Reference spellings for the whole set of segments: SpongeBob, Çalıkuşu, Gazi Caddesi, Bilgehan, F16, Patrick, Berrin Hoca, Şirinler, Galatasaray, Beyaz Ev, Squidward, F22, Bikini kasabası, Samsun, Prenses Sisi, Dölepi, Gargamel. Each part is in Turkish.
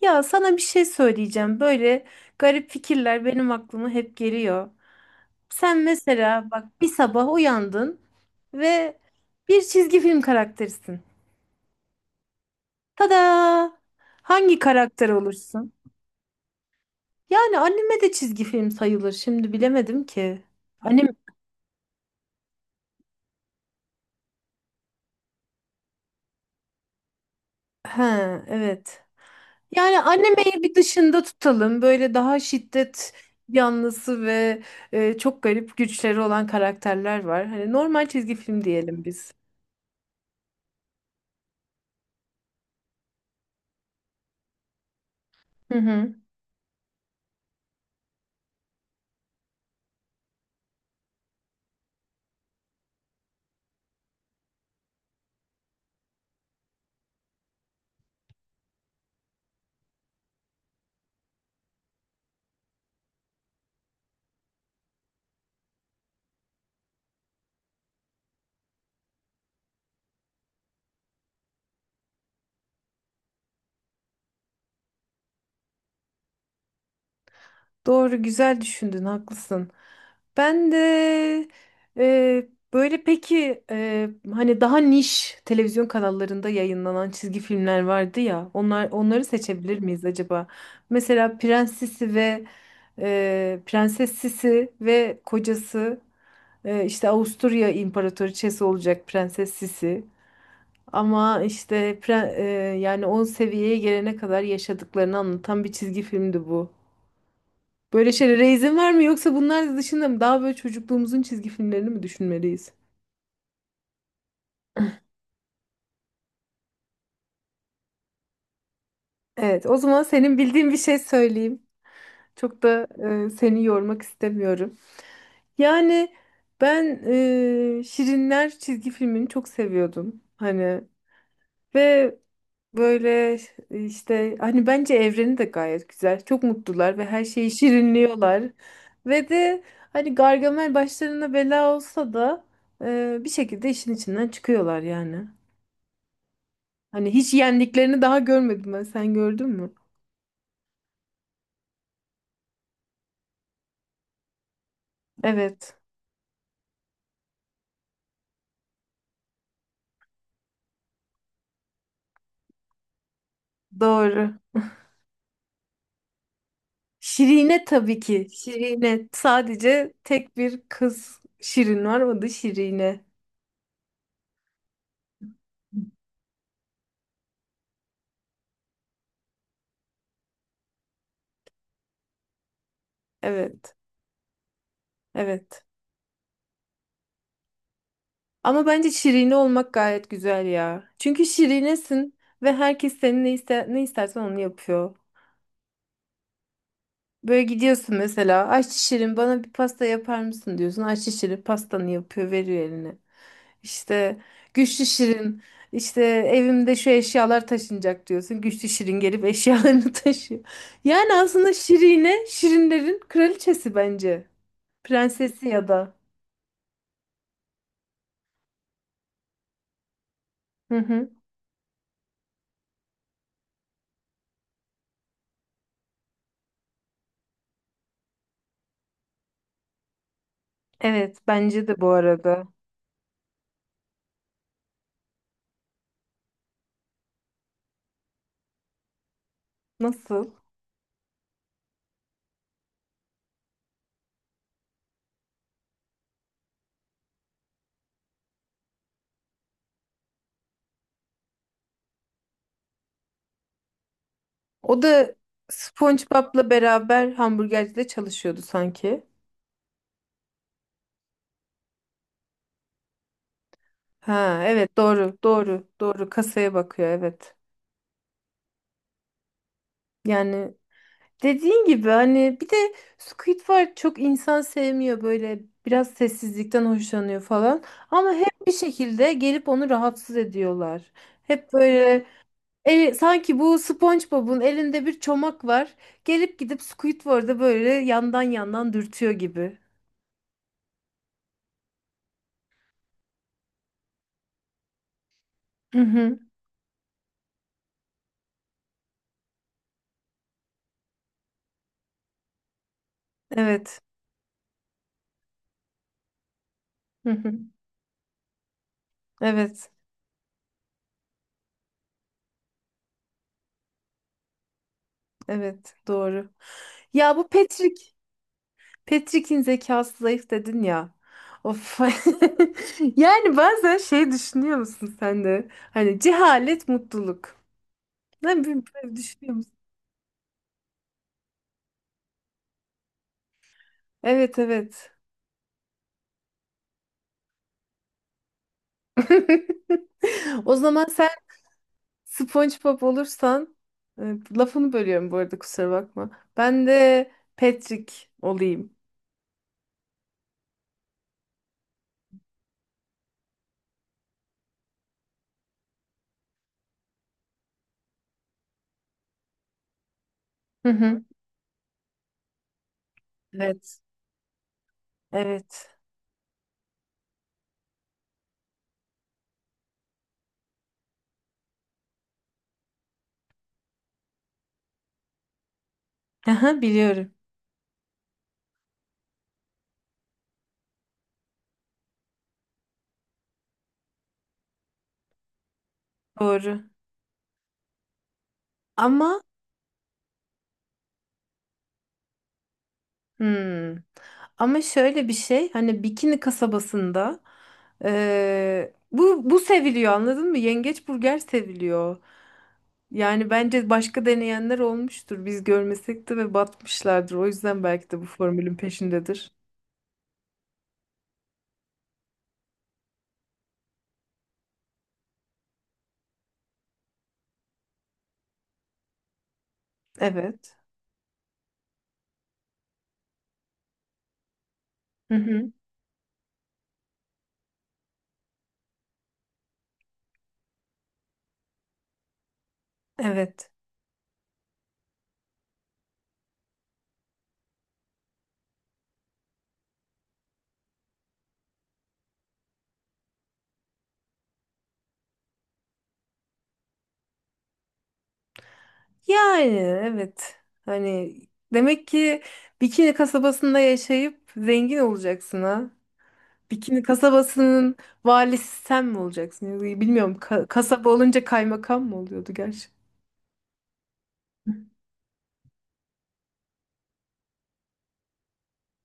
Ya sana bir şey söyleyeceğim. Böyle garip fikirler benim aklıma hep geliyor. Sen mesela bak bir sabah uyandın ve bir çizgi film karakterisin. Tada! Hangi karakter olursun? Yani anime de çizgi film sayılır. Şimdi bilemedim ki. Anime. He, evet. Yani animeyi bir dışında tutalım. Böyle daha şiddet yanlısı ve çok garip güçleri olan karakterler var. Hani normal çizgi film diyelim biz. Hı hı. Doğru, güzel düşündün, haklısın. Ben de e, böyle peki hani daha niş televizyon kanallarında yayınlanan çizgi filmler vardı ya. Onlar onları seçebilir miyiz acaba? Mesela Prens Sisi ve Prenses Sisi ve kocası işte Avusturya İmparatoriçesi olacak Prenses Sisi. Ama işte yani 10 seviyeye gelene kadar yaşadıklarını anlatan bir çizgi filmdi bu. Böyle şeylere izin var mı yoksa bunlar dışında mı? Daha böyle çocukluğumuzun çizgi filmlerini mi düşünmeliyiz? Evet, o zaman senin bildiğin bir şey söyleyeyim. Çok da seni yormak istemiyorum. Yani ben Şirinler çizgi filmini çok seviyordum. Hani ve böyle işte hani bence evreni de gayet güzel. Çok mutlular ve her şeyi şirinliyorlar. Ve de hani Gargamel başlarına bela olsa da bir şekilde işin içinden çıkıyorlar yani. Hani hiç yendiklerini daha görmedim ben. Sen gördün mü? Evet. Doğru. Şirine tabii ki. Şirine. Sadece tek bir kız Şirin var. O da Şirine. Evet. Evet. Ama bence Şirine olmak gayet güzel ya. Çünkü Şirinesin ve herkes senin ne istersen onu yapıyor. Böyle gidiyorsun mesela aç şirin bana bir pasta yapar mısın diyorsun. Aç şirin pastanı yapıyor veriyor eline. İşte güçlü şirin işte evimde şu eşyalar taşınacak diyorsun. Güçlü şirin gelip eşyalarını taşıyor. Yani aslında şirine şirinlerin kraliçesi bence. Prensesi ya da. Hı hı. Evet bence de bu arada. Nasıl? O da SpongeBob'la beraber hamburgercide çalışıyordu sanki. Ha evet doğru doğru doğru kasaya bakıyor evet. Yani dediğin gibi hani bir de Squidward çok insan sevmiyor böyle biraz sessizlikten hoşlanıyor falan ama hep bir şekilde gelip onu rahatsız ediyorlar. Hep böyle sanki bu SpongeBob'un elinde bir çomak var gelip gidip Squidward'a böyle yandan yandan dürtüyor gibi. Hı hı, evet. Hı hı, evet. Evet, doğru. Ya bu Patrick'in zekası zayıf dedin ya. Of. Yani bazen şey düşünüyor musun sen de? Hani cehalet mutluluk. Ne bileyim, böyle düşünüyor musun? Evet evet. O zaman sen SpongeBob olursan e, lafını bölüyorum bu arada kusura bakma. Ben de Patrick olayım. Hı hı. Evet. Evet. Aha, biliyorum. Doğru. Ama Hmm. Ama şöyle bir şey hani Bikini kasabasında bu seviliyor anladın mı? Yengeç burger seviliyor. Yani bence başka deneyenler olmuştur. Biz görmesek de ve batmışlardır. O yüzden belki de bu formülün peşindedir. Evet. Hı hı. Evet. Yani evet. Hani demek ki Bikini kasabasında yaşayıp zengin olacaksın ha. Bikini kasabasının valisi sen mi olacaksın? Yani bilmiyorum. Kasaba olunca kaymakam mı oluyordu gerçi?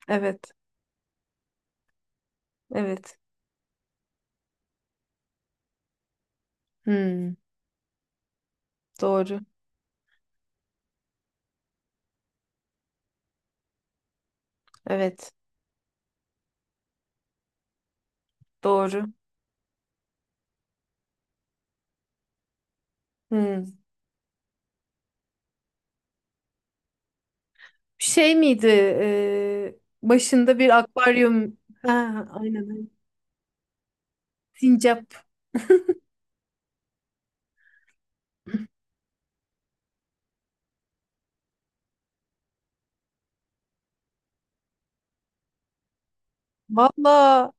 Evet. Evet. Hmm, doğru. Evet. Doğru. Hmm. Şey miydi? Başında bir akvaryum. Ha, aynen. Aynen. Sincap. Valla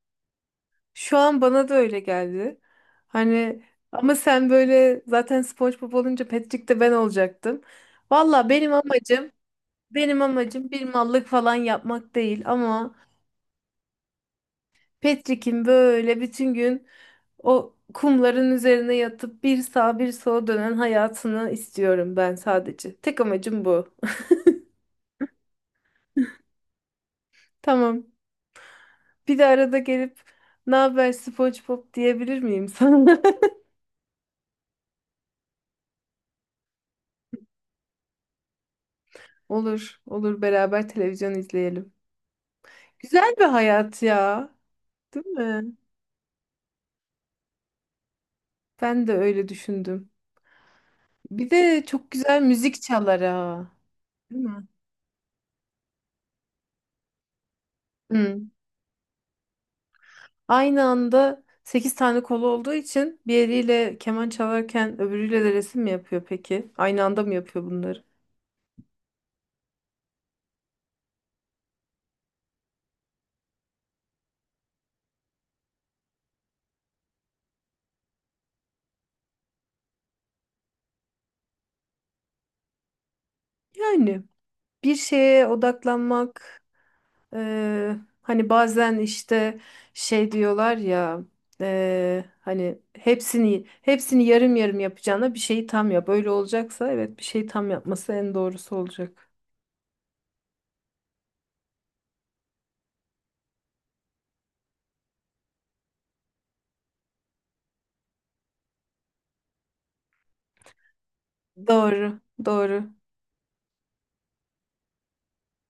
şu an bana da öyle geldi. Hani ama sen böyle zaten SpongeBob olunca Patrick de ben olacaktım. Valla benim amacım Benim amacım bir mallık falan yapmak değil ama Petrik'in böyle bütün gün o kumların üzerine yatıp bir sağa bir sola dönen hayatını istiyorum ben sadece. Tek amacım bu. Tamam. Bir de arada gelip ne haber SpongeBob diyebilir miyim sana? Olur, olur beraber televizyon izleyelim. Güzel bir hayat ya, değil mi? Ben de öyle düşündüm. Bir de çok güzel müzik çalar ha, değil mi? Aynı anda 8 tane kolu olduğu için bir eliyle keman çalarken öbürüyle de resim mi yapıyor peki? Aynı anda mı yapıyor bunları? Yani bir şeye odaklanmak hani bazen işte şey diyorlar ya hani hepsini yarım yarım yapacağına bir şeyi tam yap. Öyle olacaksa evet bir şeyi tam yapması en doğrusu olacak. Doğru, doğru.